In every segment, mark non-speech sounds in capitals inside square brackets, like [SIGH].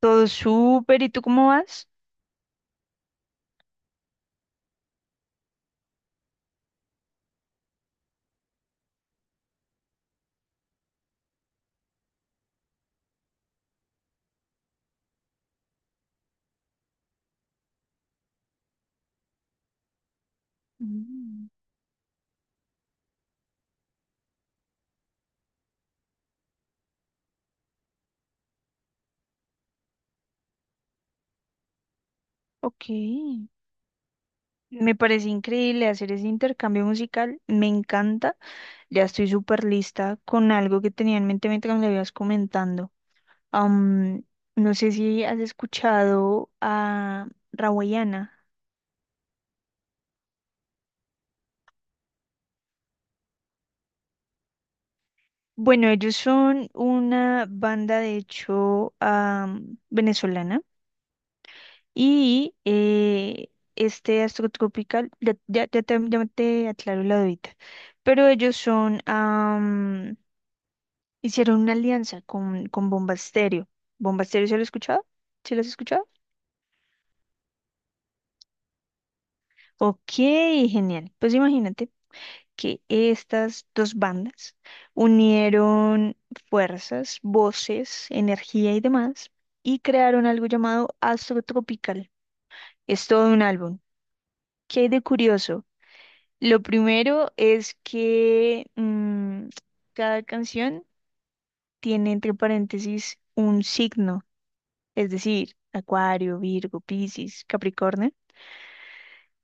Todo súper, ¿y tú cómo vas? Mm, ok. Me parece increíble hacer ese intercambio musical, me encanta. Ya estoy súper lista con algo que tenía en mente mientras me lo ibas comentando. Am, no sé si has escuchado a Rawayana. Bueno, ellos son una banda, de hecho, venezolana. Y este astrotropical, ya te aclaro la dudita, pero ellos son, hicieron una alianza con Bomba Estéreo. ¿Bomba Estéreo se lo has escuchado? ¿Se lo has escuchado? Ok, genial. Pues imagínate que estas dos bandas unieron fuerzas, voces, energía y demás y crearon algo llamado Astro Tropical. Es todo un álbum. ¿Qué hay de curioso? Lo primero es que mm, cada canción tiene entre paréntesis un signo, es decir, Acuario, Virgo, Piscis, Capricornio.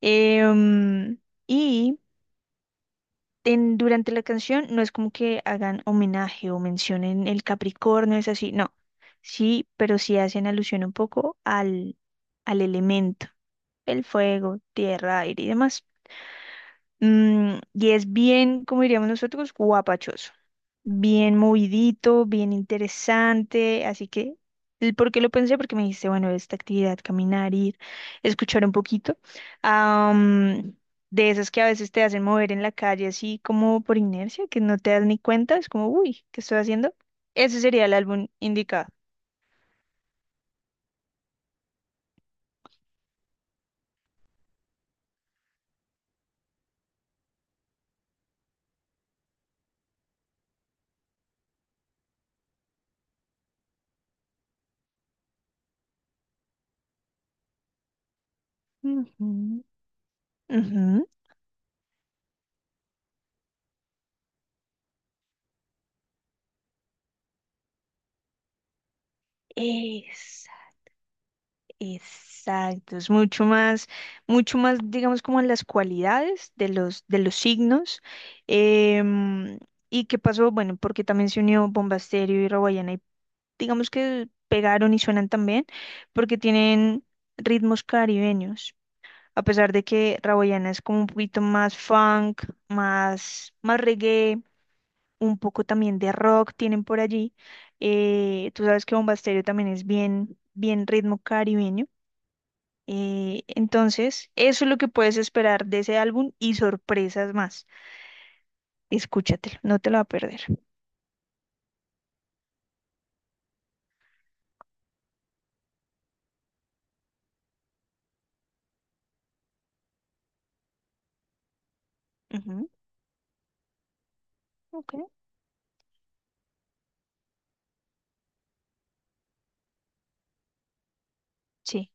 Em, y durante la canción no es como que hagan homenaje o mencionen el Capricornio, es así, no. Sí, pero sí hacen alusión un poco al elemento, el fuego, tierra, aire y demás. Y es bien, como diríamos nosotros, guapachoso. Bien movidito, bien interesante. Así que, el ¿por qué lo pensé? Porque me dijiste, bueno, esta actividad, caminar, ir, escuchar un poquito. am, de esas que a veces te hacen mover en la calle, así como por inercia, que no te das ni cuenta, es como, uy, ¿qué estoy haciendo? Ese sería el álbum indicado. Ujú, ujú. Exacto. Exacto, es mucho más, digamos, como en las cualidades de los signos. Em, ¿Y qué pasó? Bueno, porque también se unió Bomba Estéreo y Rawayana y digamos que pegaron y suenan también porque tienen ritmos caribeños. A pesar de que Rawayana es como un poquito más funk, más reggae, un poco también de rock tienen por allí. Tú sabes que Bomba Estéreo también es bien, bien ritmo caribeño. Entonces, eso es lo que puedes esperar de ese álbum y sorpresas más. Escúchatelo, no te lo va a perder. Ujú. Ok. Sí.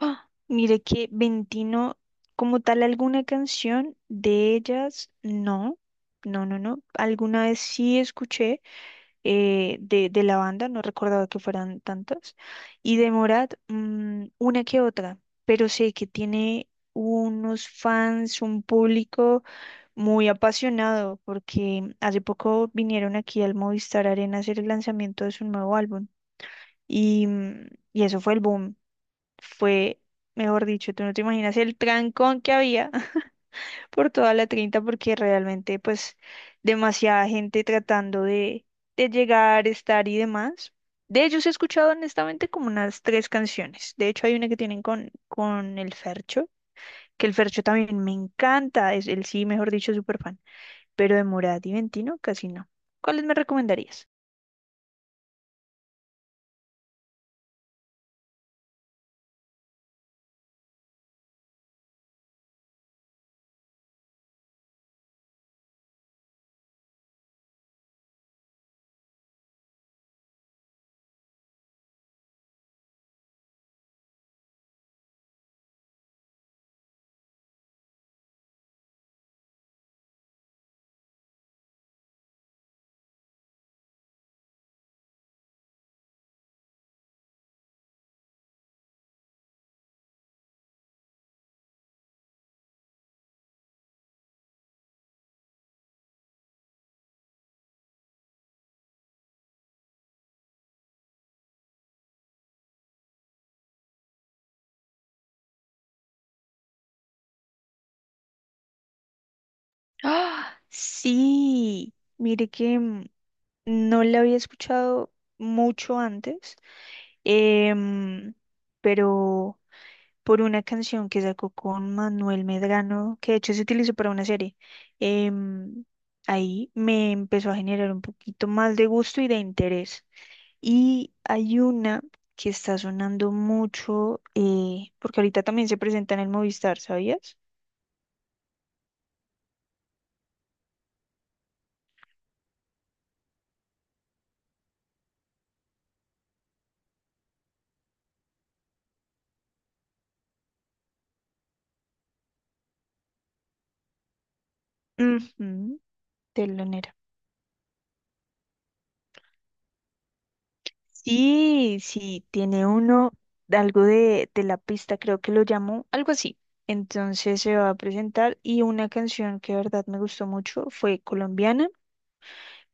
¡Ah! Mire que Ventino, como tal, alguna canción de ellas, no. No, no, no. Alguna vez sí escuché de la banda, no recordaba que fueran tantas. Y de Morat, una que otra, pero sé que tiene unos fans, un público muy apasionado porque hace poco vinieron aquí al Movistar Arena a hacer el lanzamiento de su nuevo álbum y, mm, y eso fue el boom. Fue, mejor dicho, tú no te imaginas el trancón que había [LAUGHS] por toda la 30 porque realmente pues demasiada gente tratando de llegar, estar y demás. De ellos he escuchado honestamente como unas tres canciones. De hecho, hay una que tienen con el Fercho, que el Fercho también me encanta. Es, él sí, mejor dicho, súper fan pero de morada y ventino casi no. ¿Cuáles me recomendarías? ¡Ah! Sí, mire que no la había escuchado mucho antes, em, pero por una canción que sacó con Manuel Medrano, que de hecho se utilizó para una serie. Em, ahí me empezó a generar un poquito más de gusto y de interés. Y hay una que está sonando mucho, porque ahorita también se presenta en el Movistar, ¿sabías? Ujú, telonera. Sí, sí, tiene uno de algo de la pista, creo que lo llamó, algo así. Entonces se va a presentar y una canción que de verdad me gustó mucho fue colombiana,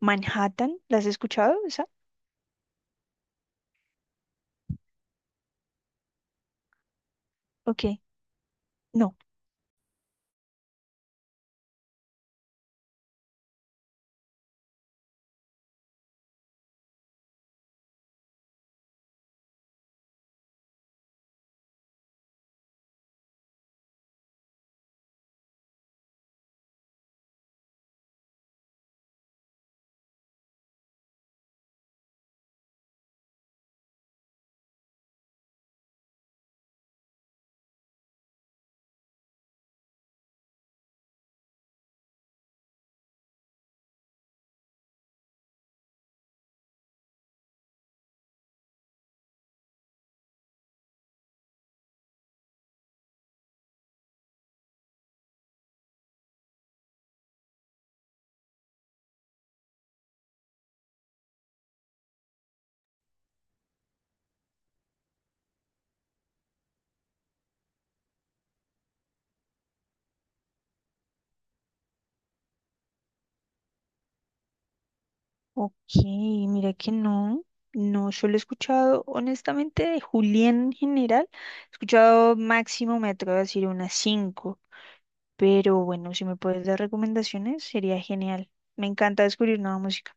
Manhattan. ¿La has escuchado esa? Ok, no. Ok, mira que no, no solo he escuchado, honestamente, de Julián en general. He escuchado máximo, me atrevo a decir, unas cinco. Pero bueno, si me puedes dar recomendaciones, sería genial. Me encanta descubrir nueva música.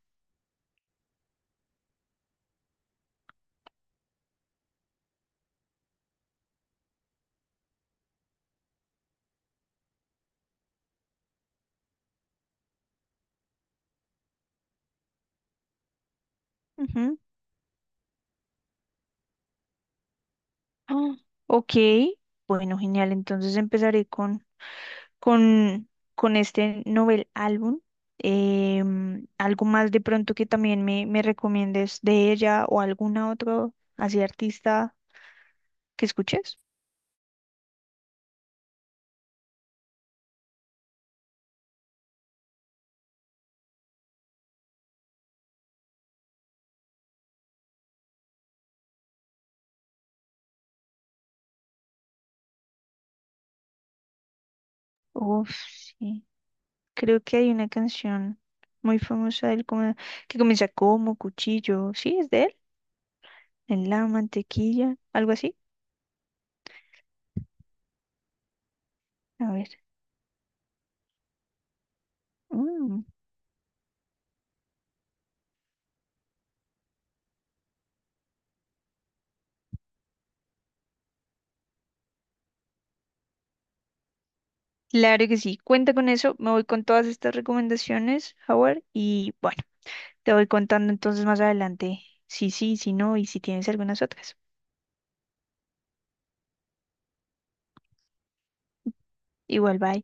Ah, ok, bueno, genial. Entonces empezaré con, con este novel álbum. Algo más de pronto que también me recomiendes de ella o alguna otra así artista que escuches. Uf, sí. Creo que hay una canción muy famosa de él que comienza como cuchillo. Sí, es de él. En la mantequilla, algo así. A ver. Mm. Claro que sí, cuenta con eso, me voy con todas estas recomendaciones, Howard, y bueno, te voy contando entonces más adelante si sí, si no y si tienes algunas otras. Igual, bye.